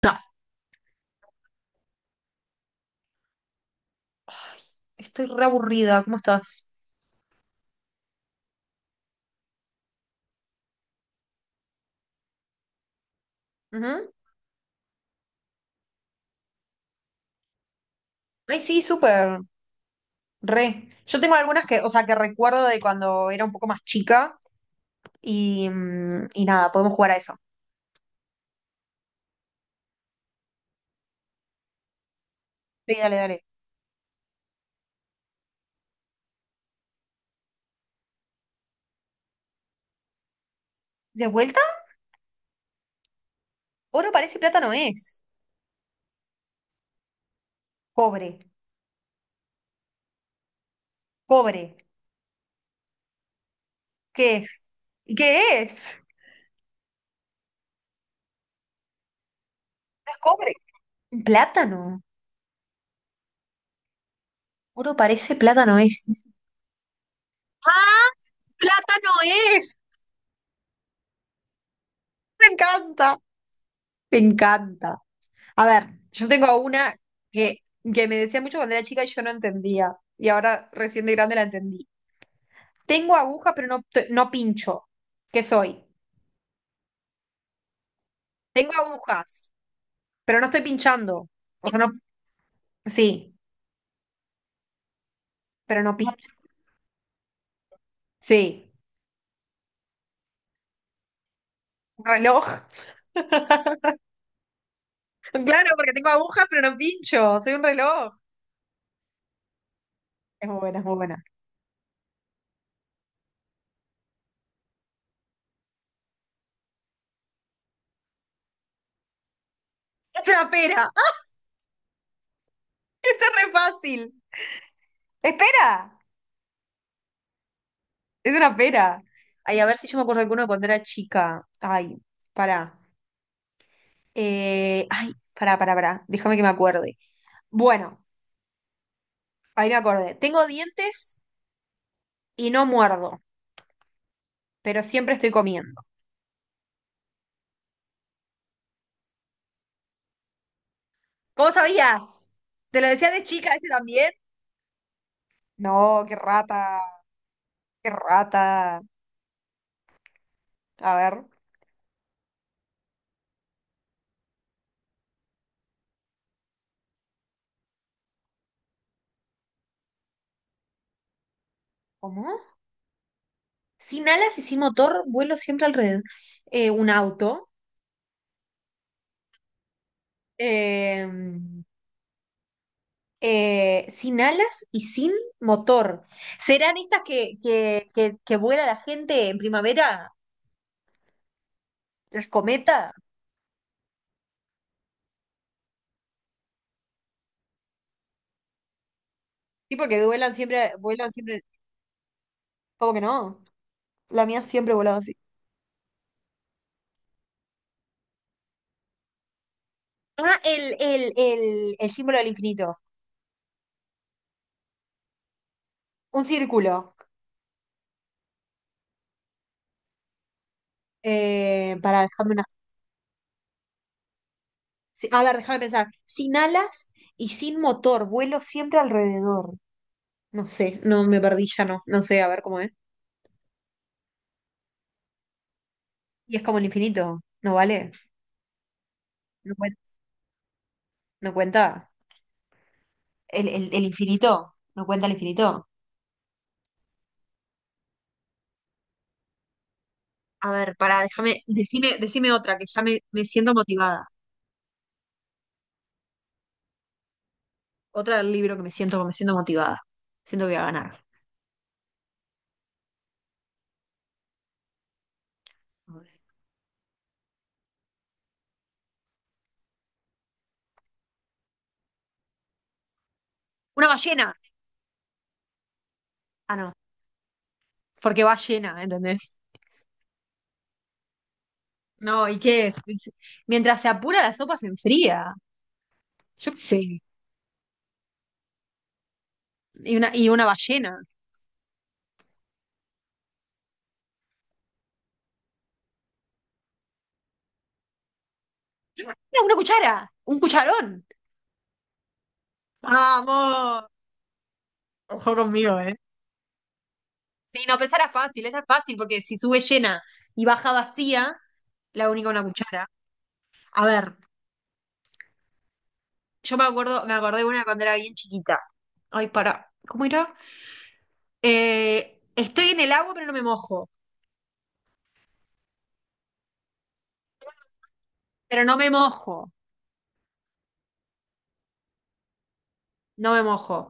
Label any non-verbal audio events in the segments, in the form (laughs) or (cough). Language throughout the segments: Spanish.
Ta- Estoy re aburrida, ¿cómo estás? Ujú. Ay, sí, súper, re. Yo tengo algunas que, o sea, que recuerdo de cuando era un poco más chica y, y nada, podemos jugar a eso. Sí, dale, dale. ¿De vuelta? Oro parece y plata no es. Cobre, cobre. ¿Qué es? ¿Qué es? No es cobre. Un plátano. Oro parece, plátano es. ¡Ah! ¡Plátano es! Me encanta. Me encanta. A ver, yo tengo una que, que me decía mucho cuando era chica y yo no entendía. Y ahora recién de grande la entendí. Tengo agujas, pero no, no pincho. ¿Qué soy? Tengo agujas, pero no estoy pinchando. O sea, no. Sí, pero no pincho. Sí. Un reloj. (laughs) Claro, porque tengo agujas, pero no pincho. Soy un reloj. Es muy buena, es muy buena. Es una pera. (laughs) ¡Ah! Esa es re fácil. Espera. Es una pera. Ay, a ver si yo me acuerdo de alguno cuando era chica. Ay, pará. Ay, pará, pará, pará. Déjame que me acuerde. Bueno, ahí me acordé. Tengo dientes y no muerdo, pero siempre estoy comiendo. ¿Cómo sabías? ¿Te lo decía de chica ese también? No, qué rata, qué rata. A ver, ¿cómo? Sin alas y sin motor, vuelo siempre alrededor. Un auto. Eh, sin alas y sin motor. ¿Serán estas que vuela la gente en primavera? ¿Las cometas? Sí, porque vuelan siempre, vuelan siempre. ¿Cómo que no? La mía siempre ha volado así. Ah, el símbolo del infinito. Un círculo. Para dejarme una. Sí, a ver, déjame pensar. Sin alas y sin motor. Vuelo siempre alrededor. No sé, no me perdí ya, no. No sé, a ver cómo es. Y es como el infinito. ¿No vale? No cuen- no cuenta. El infinito, no cuenta el infinito. A ver, pará, déjame, decime otra, que me siento motivada. Otra del libro que me siento motivada. Siento que voy a ganar. A ver. Una ballena. Ah, no, porque va llena, ¿entendés? No, ¿y qué? Es- Mientras se apura la sopa se enfría. Yo qué sé. Y una ballena. Mira, una cuchara, un cucharón. Vamos. Ojo conmigo, ¿eh? Sí, no, pensar era fácil, esa es fácil, porque si sube llena y baja vacía, la única una cuchara. A ver, yo me acuerdo, me acordé de una cuando era bien chiquita. Ay, para, ¿cómo era? Estoy en el agua, pero no me mojo. Pero no me mojo. No me mojo.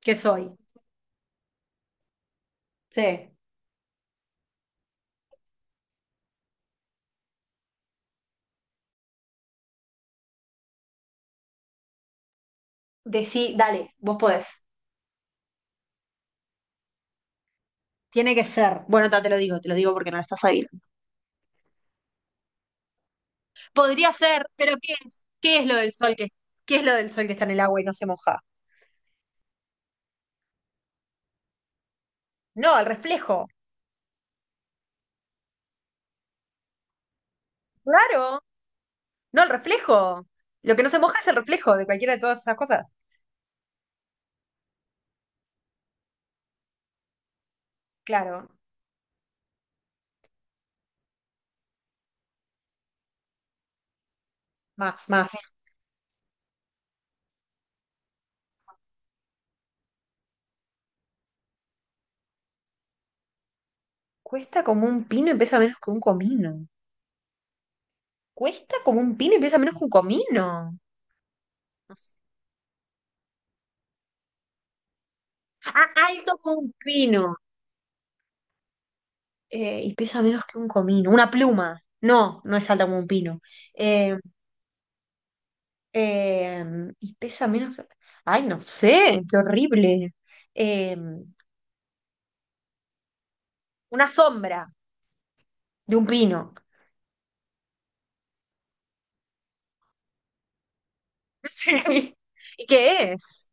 ¿Qué soy? Sí. Decí, dale, vos podés. Tiene que ser. Bueno, ta, te lo digo porque no lo estás ahí. Podría ser, pero ¿qué es? ¿Qué es lo del sol qué es lo del sol que está en el agua y no se moja? No, el reflejo. Claro. No, el reflejo. Lo que no se moja es el reflejo de cualquiera de todas esas cosas. Claro. Más, más. Cuesta como un pino y pesa menos que un comino. Cuesta como un pino y pesa menos que un comino. No sé. Ah, alto como un pino. Y pesa menos que un comino. Una pluma. No, no es alta como un pino. Eh, eh, y pesa menos que... Ay, no sé, qué horrible. Eh, una sombra de un pino. (laughs) Sí. ¿Y qué es?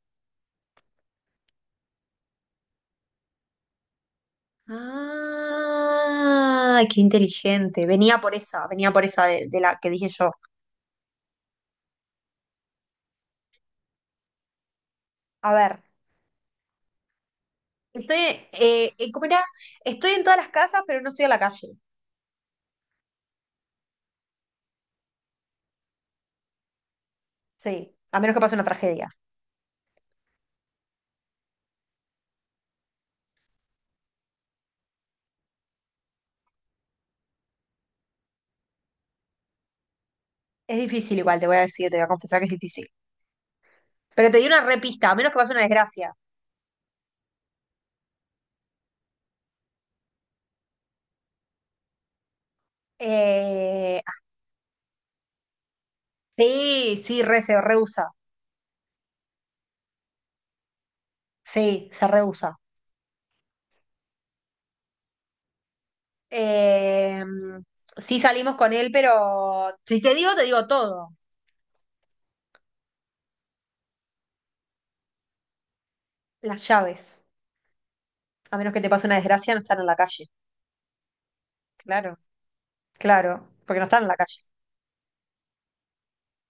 Ah, qué inteligente. Venía por esa de la que dije yo. A ver. Estoy, ¿Cómo era? Estoy en todas las casas, pero no estoy a la calle. Sí, a menos que pase una tragedia. Es difícil igual, te voy a decir, te voy a confesar que es difícil. Pero te di una repista, a menos que pase una desgracia. Eh, ah, sí, sí, re, se rehúsa. Sí, se rehúsa. Eh, sí salimos con él, pero si te digo, te digo todo. Las llaves. A menos que te pase una desgracia, no están en la calle. Claro, claro, porque no están en la calle.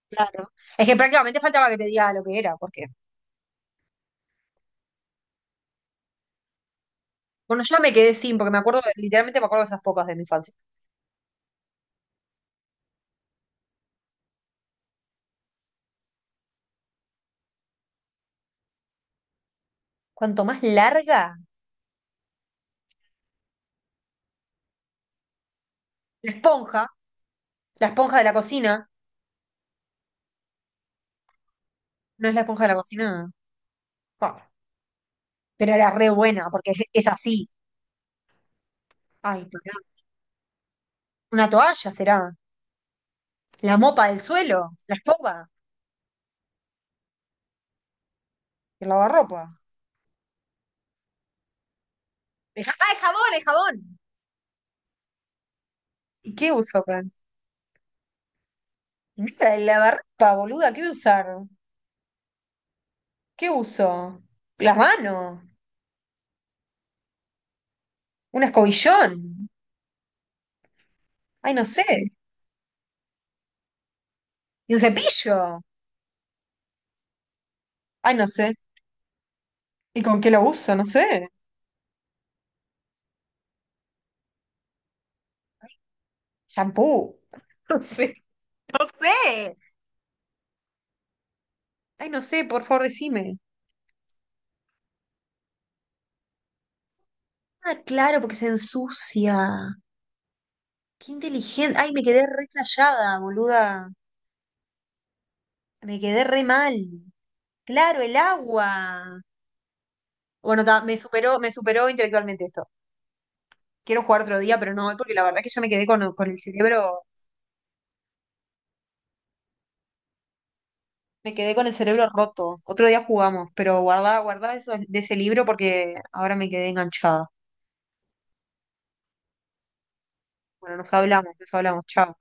Claro. Es que prácticamente faltaba que te diga lo que era, porque bueno, yo me quedé sin, porque me acuerdo, literalmente me acuerdo de esas pocas de mi infancia. Cuanto más larga, la esponja, la esponja de la cocina, no es la esponja de la cocina, pa, pero era re buena, porque es así. Ay, pará. Una toalla será, la mopa del suelo, la escoba, el lavarropa. Ah, el jabón, el jabón. ¿Y qué uso, Fran? Nada, el lavarropa, boluda, ¿qué voy a usar? ¿Qué uso? Las manos, un escobillón, ay, no sé, y un cepillo, ay, no sé. ¿Y con qué lo uso? No sé. Shampoo. (laughs) No sé. No sé. Ay, no sé, por favor, decime. Ah, claro, porque se ensucia. Qué inteligente. Ay, me quedé re callada, boluda. Me quedé re mal. Claro, el agua. Bueno, ta, me superó intelectualmente esto. Quiero jugar otro día, pero no, hoy, porque la verdad que yo me quedé con el cerebro, me quedé con el cerebro roto. Otro día jugamos, pero guardá, guardá eso de ese libro porque ahora me quedé enganchada. Bueno, nos hablamos, chao.